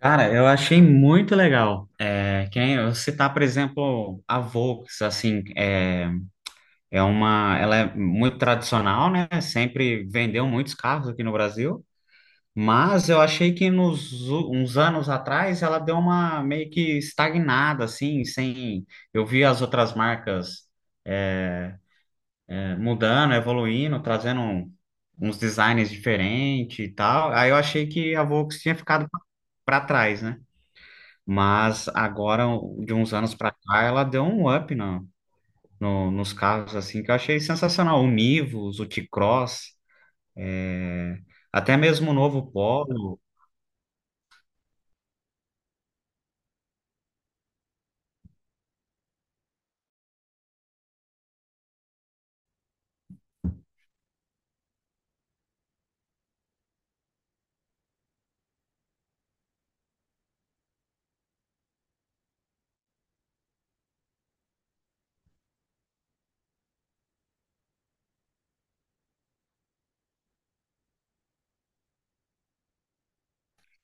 Cara, eu achei muito legal. Quem eu citar, por exemplo, a Volks, assim, ela é muito tradicional, né? Sempre vendeu muitos carros aqui no Brasil, mas eu achei que uns anos atrás ela deu uma meio que estagnada, assim, sem. Eu vi as outras marcas é, mudando, evoluindo, uns designs diferentes e tal. Aí eu achei que a Volks tinha ficado para trás, né? Mas agora, de uns anos pra cá, ela deu um up na- no, nos carros, assim, que eu achei sensacional. O Nivus, o T-Cross, até mesmo o novo Polo.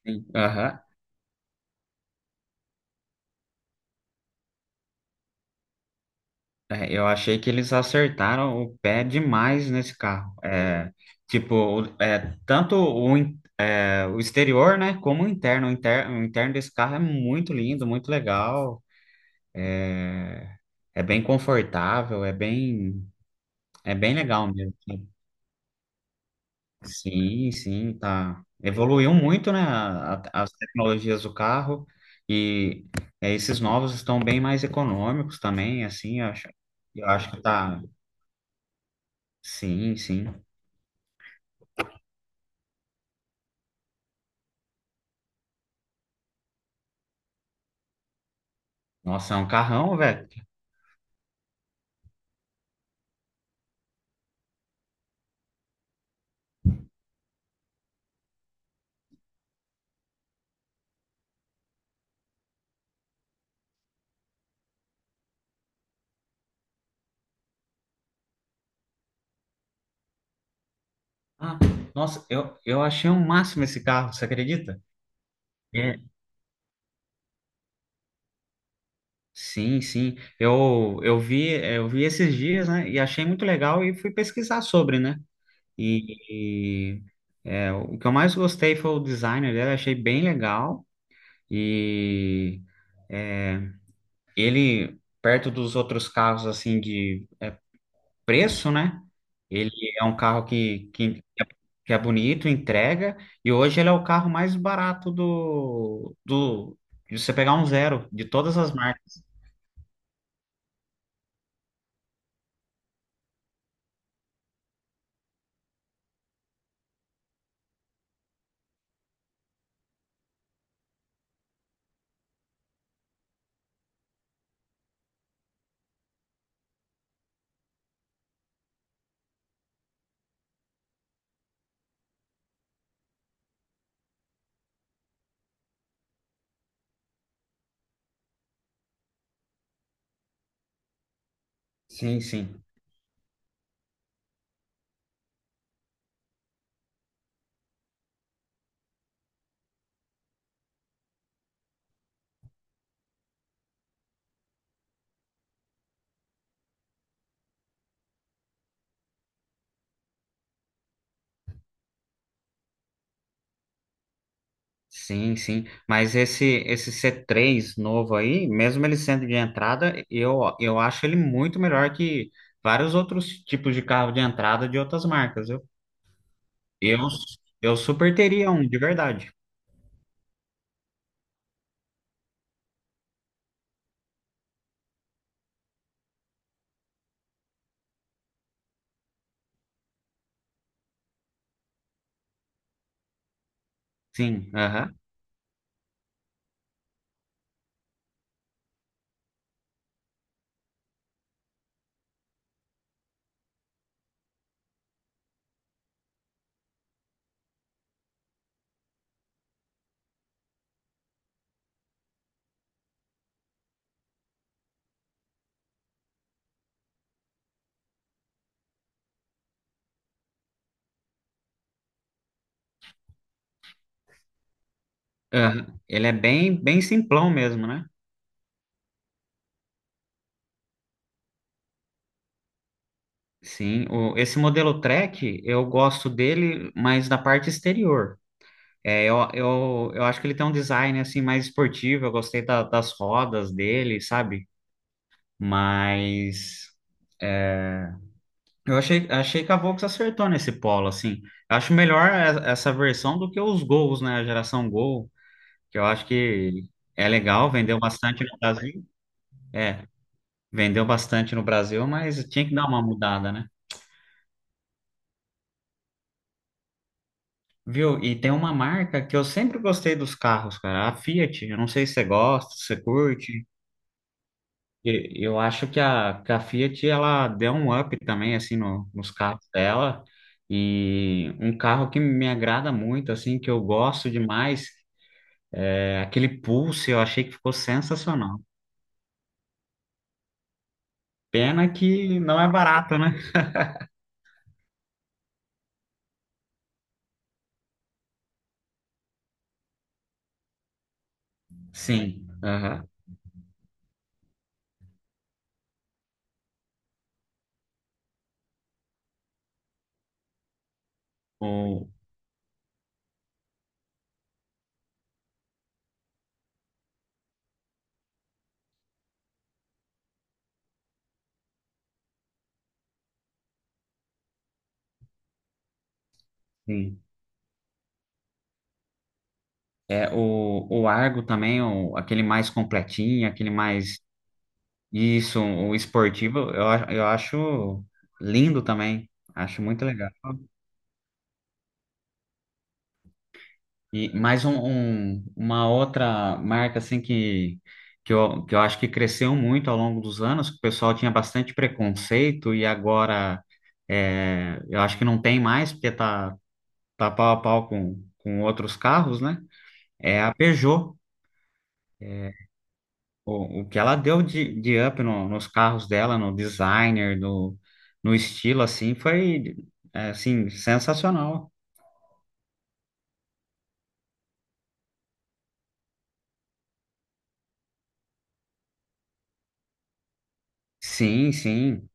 Sim, aham. É, eu achei que eles acertaram o pé demais nesse carro. Tipo, tanto o exterior, né, como o interno. O interno desse carro é muito lindo, muito legal. É bem confortável, é bem legal mesmo, assim. Sim, sim, tá. Evoluiu muito, né, as tecnologias do carro. E é, esses novos estão bem mais econômicos também, assim, eu acho que tá. Sim, sim. Nossa, é um carrão, velho. Ah, nossa, eu achei um máximo esse carro, você acredita? É. Sim, sim. Eu vi, eu vi esses dias, né, e achei muito legal e fui pesquisar sobre, né? E, e, o que eu mais gostei foi o design dele, achei bem legal. E ele, perto dos outros carros, assim, de preço, né? Ele é um carro que é bonito, entrega, e hoje ele é o carro mais barato de você pegar um zero, de todas as marcas. Sim, sim. Sim, sim. Mas esse C3 novo aí, mesmo ele sendo de entrada, eu acho ele muito melhor que vários outros tipos de carro de entrada de outras marcas, viu? Eu, eu super teria um, de verdade. Sim, aham, aham. Ele é bem simplão mesmo, né? Sim, o, esse modelo Track, eu gosto dele, mas da parte exterior. É, eu acho que ele tem um design assim mais esportivo, eu gostei das rodas dele, sabe? Mas é, achei que a Volks acertou nesse polo, assim. Eu acho melhor essa versão do que os Gols, né? A geração Gol, que eu acho que é legal, vendeu bastante no Brasil. é Vendeu bastante no Brasil, mas tinha que dar uma mudada, né? Viu? E tem uma marca que eu sempre gostei dos carros, cara, a Fiat. Eu não sei se você gosta, se você curte. Eu acho que a Fiat, ela deu um up também, assim, nos carros dela. E um carro que me agrada muito, assim, que eu gosto demais, é aquele Pulse, eu achei que ficou sensacional. Pena que não é barato, né? Sim, aham. O, sim. É, o Argo também, o, aquele mais completinho, o esportivo, eu acho lindo também. Acho muito legal. E mais um, uma outra marca assim que eu acho que cresceu muito ao longo dos anos, que o pessoal tinha bastante preconceito e agora é, eu acho que não tem mais, porque tá pau a pau com outros carros, né? É a Peugeot. O que ela deu de up nos carros dela, no designer, no, no estilo, assim, foi, é, assim, sensacional. Sim, sim,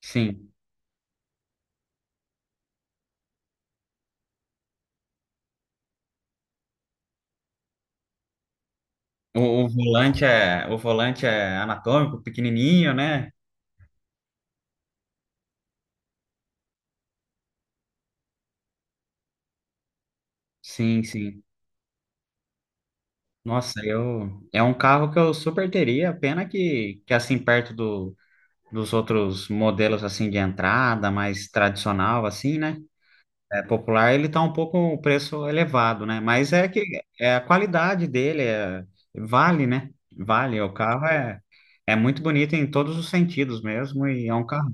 sim. O volante é anatômico, pequenininho, né? Sim, sim. Nossa, eu, é um carro que eu super teria, pena que assim, perto dos outros modelos, assim, de entrada, mais tradicional, assim, né? É, popular, ele tá um pouco o preço elevado, né? Mas é que é a qualidade dele vale, né? Vale. O carro é, é muito bonito em todos os sentidos mesmo, e é um carro.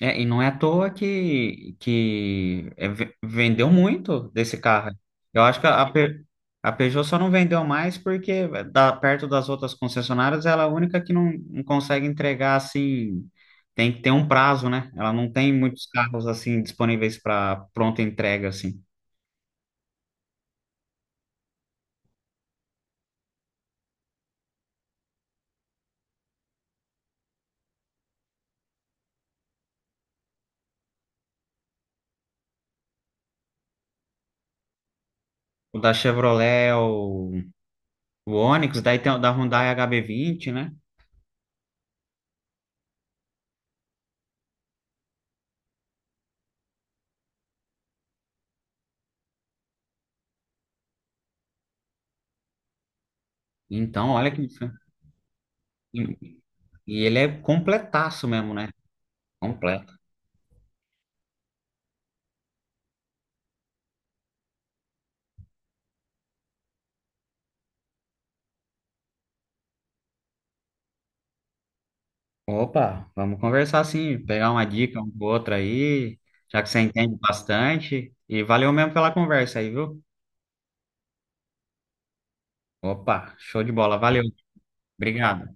É, e não é à toa que vendeu muito desse carro. Eu acho que a Peugeot só não vendeu mais porque da, perto das outras concessionárias, ela é a única que não consegue entregar assim. Tem que ter um prazo, né? Ela não tem muitos carros assim disponíveis para pronta entrega assim. O da Chevrolet, o Onix, daí tem o da Hyundai HB20, né? Então, olha que e, ele é completaço mesmo, né? Completo. Opa, vamos conversar sim, pegar uma dica um com o aí, já que você entende bastante. E valeu mesmo pela conversa aí, viu? Opa, show de bola, valeu. Obrigado.